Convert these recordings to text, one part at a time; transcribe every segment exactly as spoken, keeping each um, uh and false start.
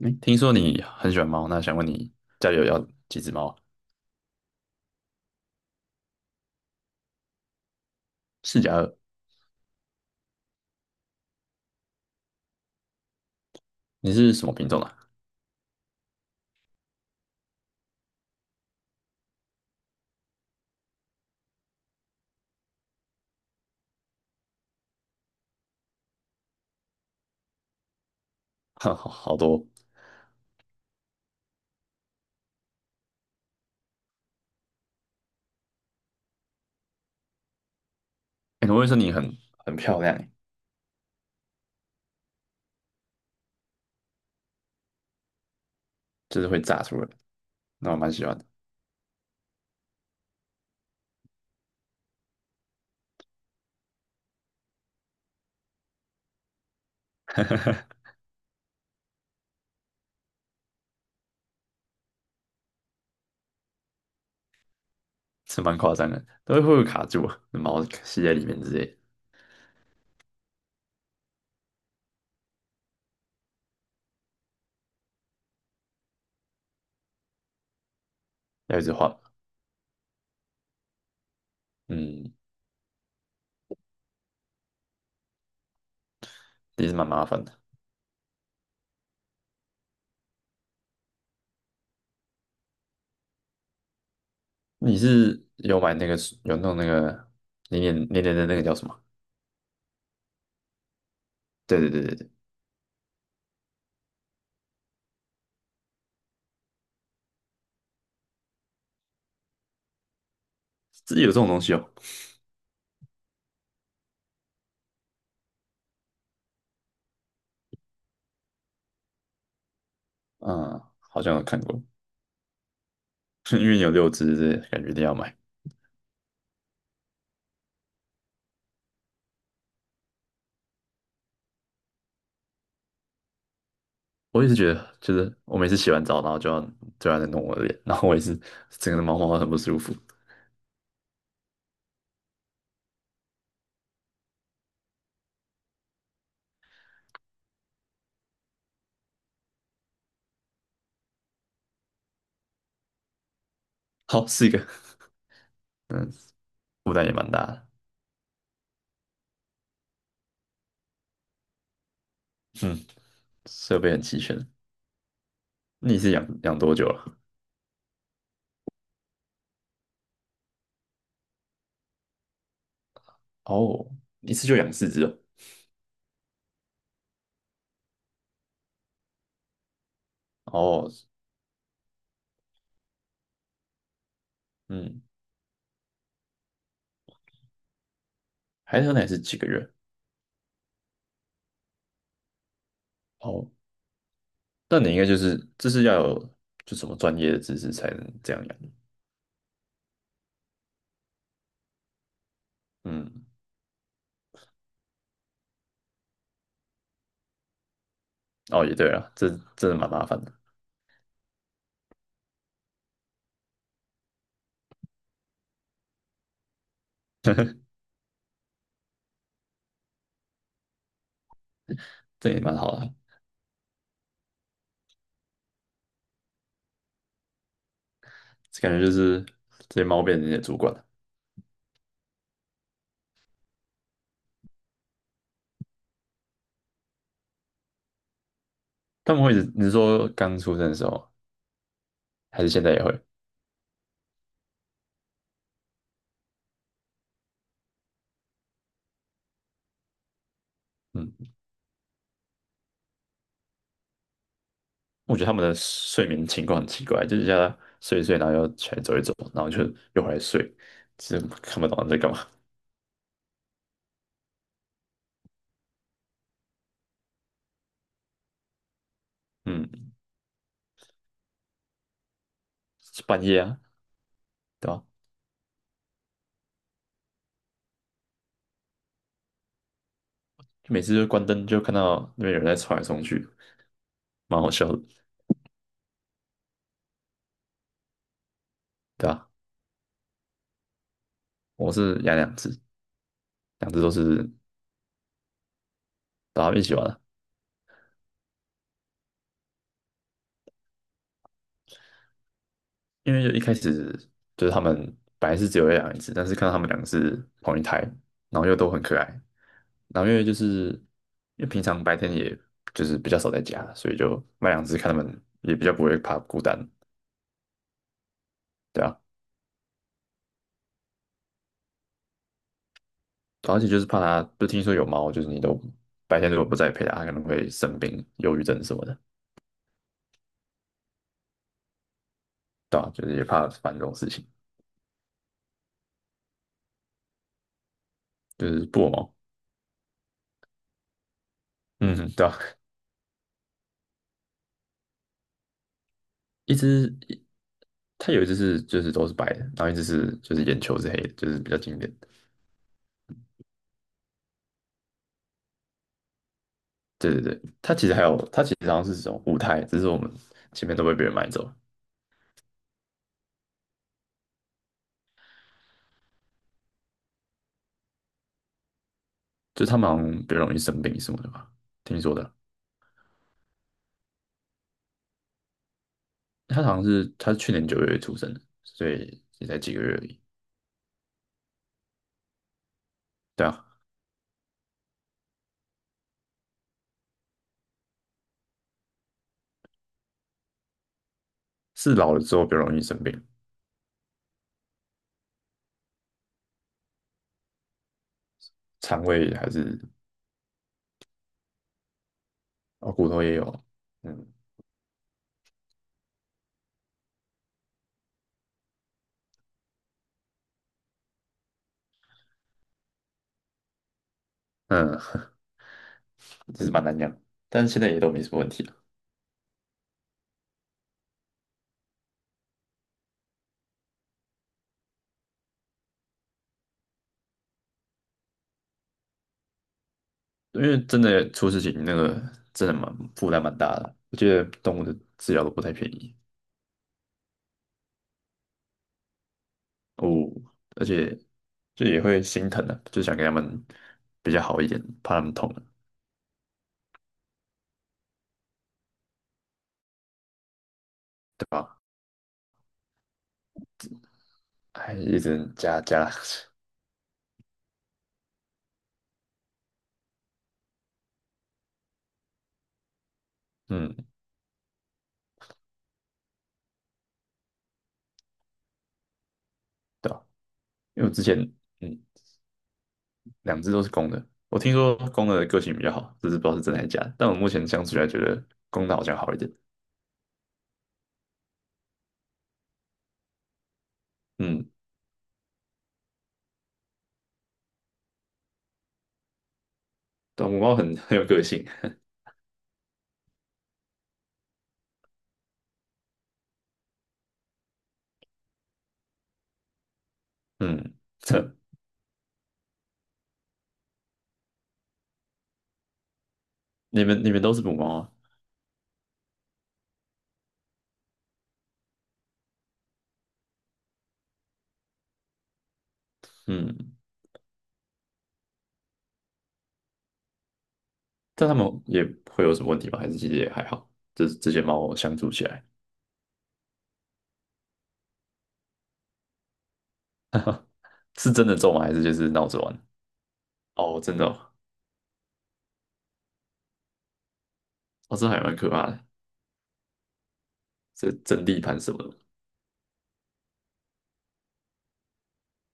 哎，听说你很喜欢猫，那想问你家里有要几只猫啊？四加二。你是什么品种啊？好好多。哎，我会说你很很漂亮欸就是会炸出来，那我蛮喜欢的。是蛮夸张的，都会会卡住啊，毛吸在里面之类的要一直换。嗯，也是蛮麻烦的。你是有买那个，有弄那个黏黏黏黏的那个叫什么？对对对对对，自己有这种东西哦？嗯，好像有看过。因为有六只，感觉一定要买。我也是觉得，就是我每次洗完澡，然后就要就要在弄我的脸，然后我也是整个人毛毛的很不舒服。好，是一个。嗯，负担也蛮大的。嗯，设备很齐全。那你是养养多久了？哦，一次就养四只哦。哦。嗯，海豚奶是几个月？哦，那你应该就是这是要有就什么专业的知识才能这样养。嗯。哦，也对啊，这真的蛮麻烦的。这也蛮好的。感觉就是这些猫变成你的主管了。他们会一直，你是说刚出生的时候吗，还是现在也会。嗯，我觉得他们的睡眠情况很奇怪，就是叫他睡一睡，然后又起来走一走，然后就又回来睡，这看不懂他们在干嘛。嗯，是半夜啊，对吧、就每次就关灯就看到那边有人在冲来冲去，蛮好笑的，对吧、我是养两只。两只都是大家一起玩啊。因为就一开始就是他们本来是只有一两只，但是看到他们两个是同一胎，然后又都很可爱，然后因为就是因为平常白天也就是比较少在家，所以就买两只看他们也比较不会怕孤单。对啊，而且就是怕它，就听说有猫，就是你都白天如果不在陪它，它可能会生病、忧郁症什么的。对啊，就是也怕烦这种事情。就是布偶猫。嗯，对啊。一只一，它有一只是就是都是白的，然后一只是就是眼球是黑的，就是比较经典。对对对，它其实还有，它其实好像是这种舞台，只是我们前面都被别人买走了。就他们好像比较容易生病什么的吧，听说的。它好像是它是去年九月出生的，所以也才几个月而已。对啊，是老了之后比较容易生病。肠胃还是哦骨头也有。嗯嗯。其实蛮难养，但是现在也都没什么问题了。因为真的出事情那个真的蛮负担蛮大的，我觉得动物的治疗都不太便宜。哦，而且就也会心疼的、啊，就想给他们比较好一点，怕他们痛了。对吧？还一直加加。嗯，对啊。因为我之前，嗯，两只都是公的，我听说公的个性比较好，这只是不知道是真还是假的。但我目前相处下来觉得公的好像好一点。嗯，对啊，母猫很很有个性。嗯，这你们你们都是母猫啊。嗯，但他们也会有什么问题吗？还是其实也还好，就是这些猫相处起来。 是真的揍吗？还是就是闹着玩？哦，真的哦。哦这还蛮可怕的。这整地盘什么的。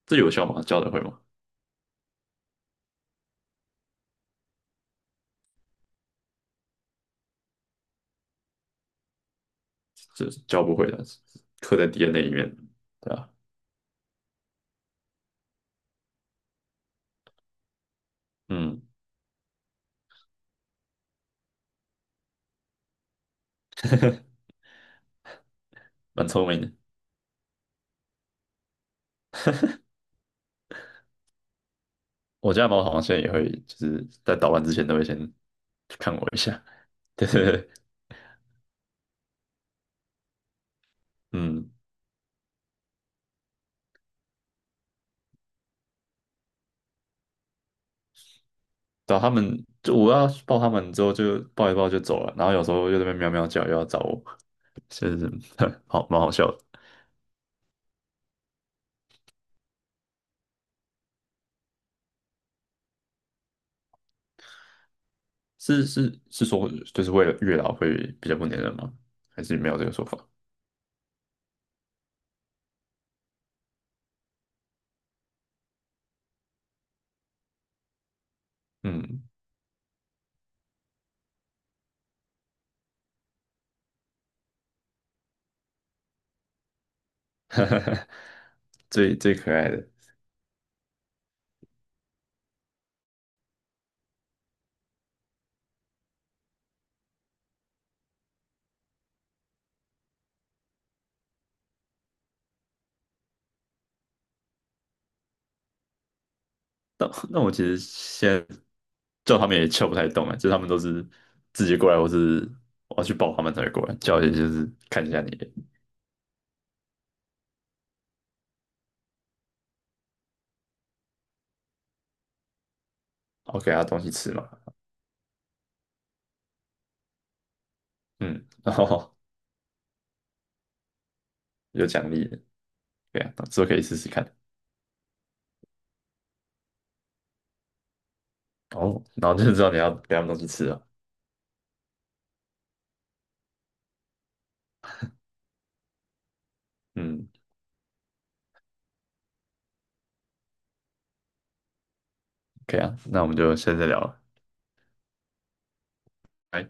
这有效吗？教得会吗？这教不会的，刻在 D N A 里面。对啊。嗯，蛮聪明的。我家的猫好像现在也会，就是在捣乱之前都会先看我一下。对对对。嗯，找他们就我要抱他们之后就抱一抱就走了，然后有时候又在那边喵喵叫，又要找我，就是。 好蛮好笑的。是是是说，就是为了月老会比较不粘人吗？还是没有这个说法？嗯。最最可爱的。那那我其实现在叫他们也叫不太动啊，就是他们都是自己过来，或是我要去抱他们才会过来，叫也就是看一下你。然后给他东西吃嘛。嗯，然后。 有奖励的。对啊，之后可以试试看。哦，然后就知道你要给他们东西吃啊。嗯，可以啊，那我们就下次再聊了。拜